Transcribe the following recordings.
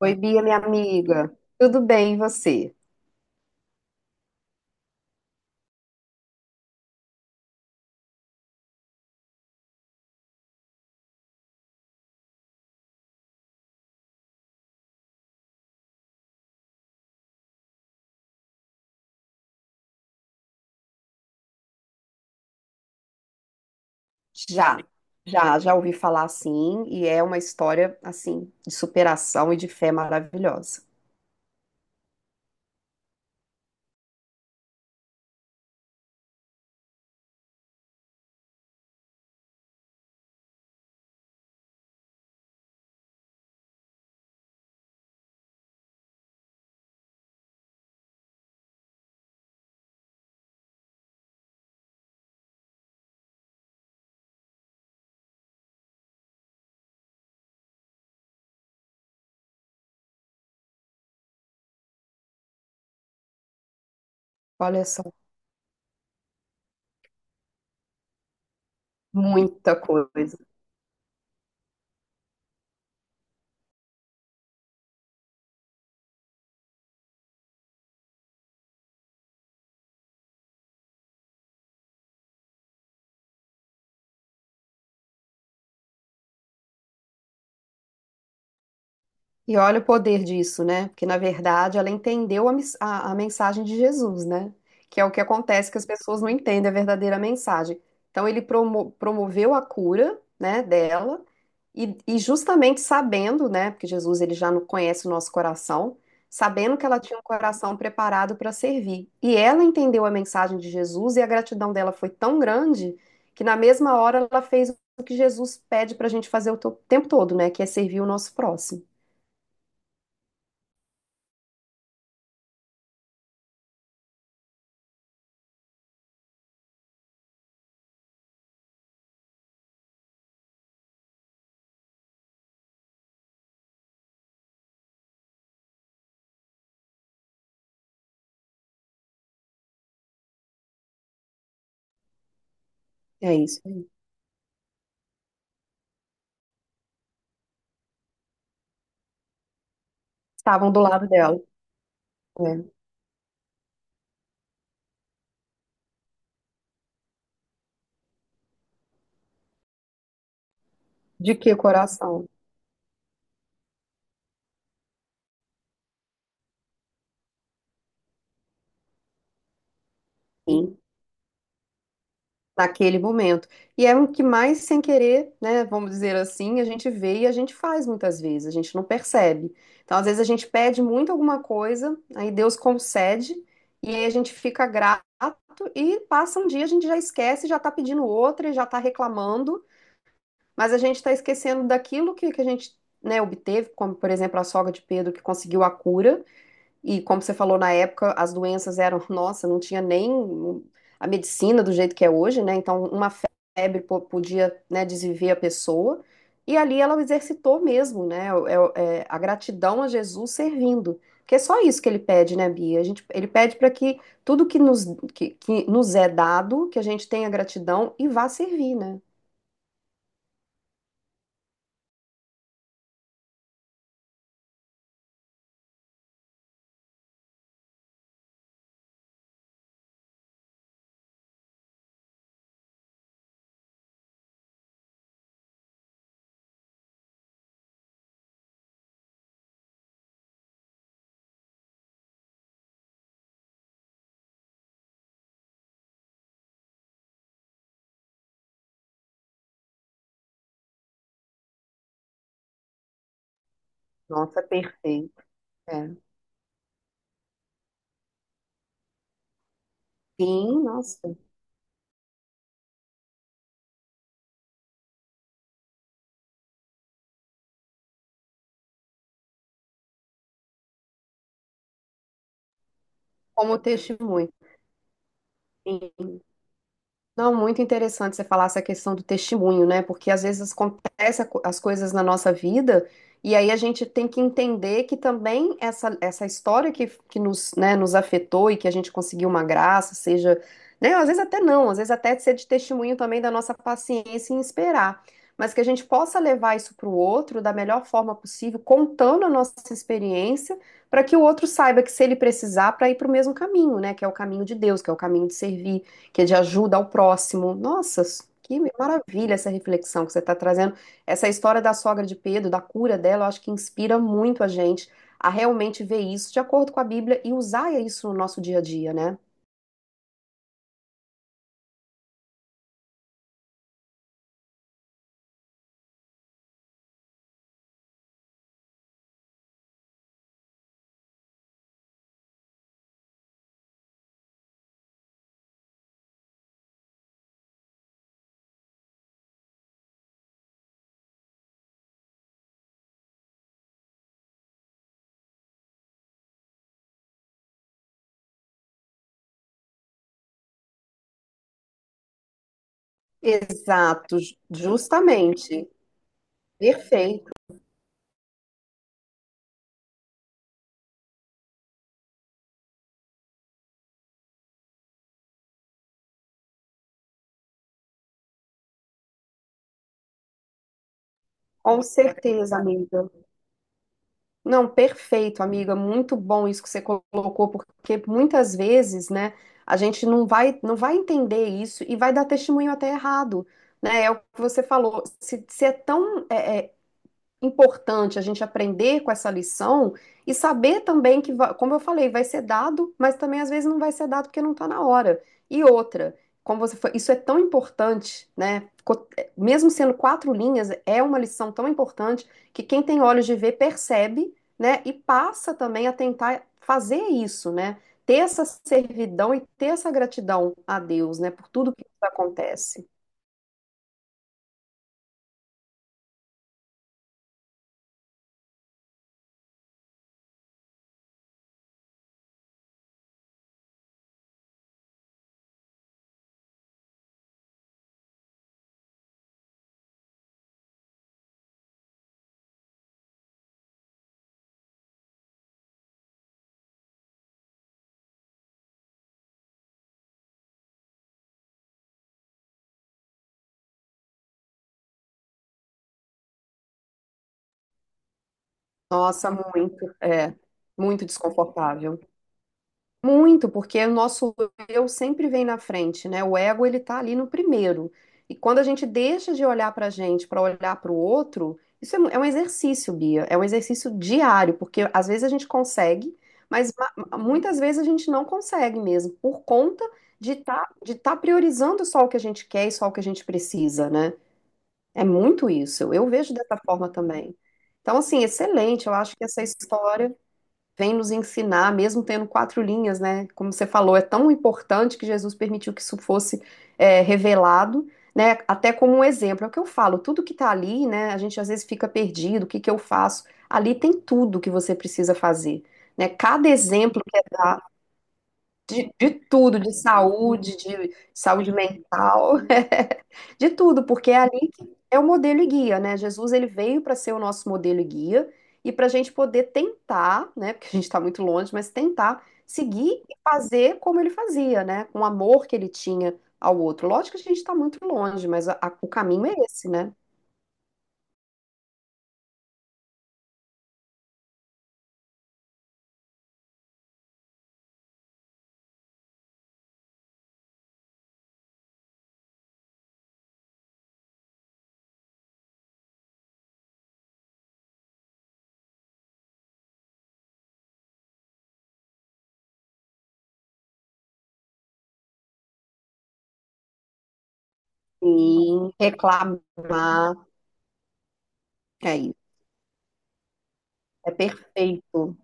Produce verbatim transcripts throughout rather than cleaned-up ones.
Oi, Bia, minha amiga. Tudo bem, e você? Já, já, já ouvi falar assim, e é uma história assim de superação e de fé maravilhosa. Olha só, muita coisa. E olha o poder disso, né? Porque, na verdade, ela entendeu a, mis- a- a mensagem de Jesus, né? Que é o que acontece que as pessoas não entendem a verdadeira mensagem. Então, ele promo- promoveu a cura, né, dela, e, e justamente sabendo, né, porque Jesus ele já não conhece o nosso coração, sabendo que ela tinha um coração preparado para servir. E ela entendeu a mensagem de Jesus e a gratidão dela foi tão grande que, na mesma hora, ela fez o que Jesus pede para a gente fazer o to- tempo todo, né? Que é servir o nosso próximo. É isso aí. Estavam do lado dela, né? De que coração? Sim, naquele momento. E é o que mais sem querer, né? Vamos dizer assim, a gente vê e a gente faz muitas vezes, a gente não percebe. Então, às vezes, a gente pede muito alguma coisa, aí Deus concede, e aí a gente fica grato e passa um dia, a gente já esquece, já tá pedindo outra e já tá reclamando, mas a gente tá esquecendo daquilo que, que a gente, né, obteve, como, por exemplo, a sogra de Pedro que conseguiu a cura. E como você falou na época, as doenças eram, nossa, não tinha nem a medicina do jeito que é hoje, né? Então, uma febre po- podia, né, desviver a pessoa. E ali ela exercitou mesmo, né? é- é a gratidão a Jesus servindo. Porque é só isso que ele pede, né, Bia? A gente, ele pede para que tudo que nos, que, que nos é dado, que a gente tenha gratidão e vá servir, né? Nossa, perfeito. É. Sim, nossa. Como testemunho. Sim. Não, muito interessante você falar essa questão do testemunho, né? Porque às vezes acontece a co- as coisas na nossa vida e aí a gente tem que entender que também essa, essa história que, que nos, né, nos afetou e que a gente conseguiu uma graça, seja, né? Às vezes até não, às vezes até ser de testemunho também da nossa paciência em esperar, mas que a gente possa levar isso para o outro da melhor forma possível, contando a nossa experiência, para que o outro saiba que se ele precisar, para ir para o mesmo caminho, né? Que é o caminho de Deus, que é o caminho de servir que é de ajuda ao próximo. Nossa, que maravilha essa reflexão que você está trazendo. Essa história da sogra de Pedro, da cura dela, eu acho que inspira muito a gente a realmente ver isso de acordo com a Bíblia e usar isso no nosso dia a dia, né? Exato, ju- justamente. Perfeito. Com certeza, amiga. Não, perfeito, amiga. Muito bom isso que você colocou, porque muitas vezes, né, a gente não vai, não vai entender isso e vai dar testemunho até errado, né? É o que você falou. Se, se é tão é, é, importante a gente aprender com essa lição e saber também que, va- como eu falei, vai ser dado, mas também às vezes não vai ser dado porque não está na hora. E outra, como você foi, isso é tão importante, né? Co- Mesmo sendo quatro linhas, é uma lição tão importante que quem tem olhos de ver percebe, né? E passa também a tentar fazer isso, né? Ter essa servidão e ter essa gratidão a Deus, né? Por tudo que acontece. Nossa, muito, é, muito desconfortável. Muito, porque o nosso eu sempre vem na frente, né? O ego ele tá ali no primeiro. E quando a gente deixa de olhar pra gente para olhar para o outro, isso é, um é um exercício, Bia, é um exercício diário, porque às vezes a gente consegue, mas ma- muitas vezes a gente não consegue mesmo, por conta de tá, de tá priorizando só o que a gente quer e só o que a gente precisa, né? É muito isso. Eu vejo dessa forma também. Então, assim, excelente. Eu acho que essa história vem nos ensinar, mesmo tendo quatro linhas, né? Como você falou, é tão importante que Jesus permitiu que isso fosse é, revelado, né? Até como um exemplo. É o que eu falo, tudo que tá ali, né? A gente às vezes fica perdido, o que que eu faço? Ali tem tudo que você precisa fazer, né? Cada exemplo que é dado de, de tudo, de saúde, de saúde mental, de tudo, porque é ali que é o modelo e guia, né? Jesus, ele veio para ser o nosso modelo e guia e para a gente poder tentar, né? Porque a gente está muito longe, mas tentar seguir e fazer como ele fazia, né? Com o amor que ele tinha ao outro. Lógico que a gente está muito longe, mas a- a- o caminho é esse, né? Sim, reclamar, é isso, é perfeito.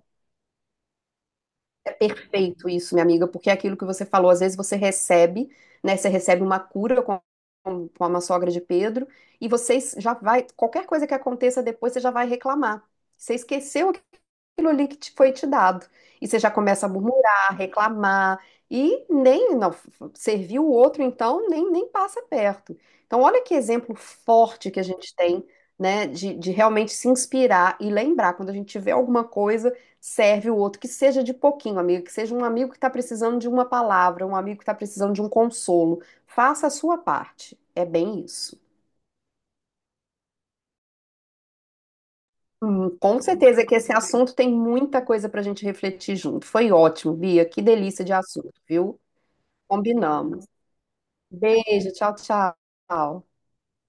É perfeito isso, minha amiga, porque é aquilo que você falou, às vezes você recebe, né? Você recebe uma cura com, com com uma sogra de Pedro, e vocês já vai, qualquer coisa que aconteça depois, você já vai reclamar. Você esqueceu aquilo ali que te foi te dado. E você já começa a murmurar, reclamar, e nem, não, f- f- serviu o outro, então nem, nem passa perto. Então, olha que exemplo forte que a gente tem, né, de, de realmente se inspirar e lembrar, quando a gente tiver alguma coisa, serve o outro, que seja de pouquinho, amigo, que seja um amigo que está precisando de uma palavra, um amigo que está precisando de um consolo. Faça a sua parte. É bem isso. Hum, com certeza que esse assunto tem muita coisa para a gente refletir junto. Foi ótimo, Bia. Que delícia de assunto, viu? Combinamos. Beijo, tchau, tchau.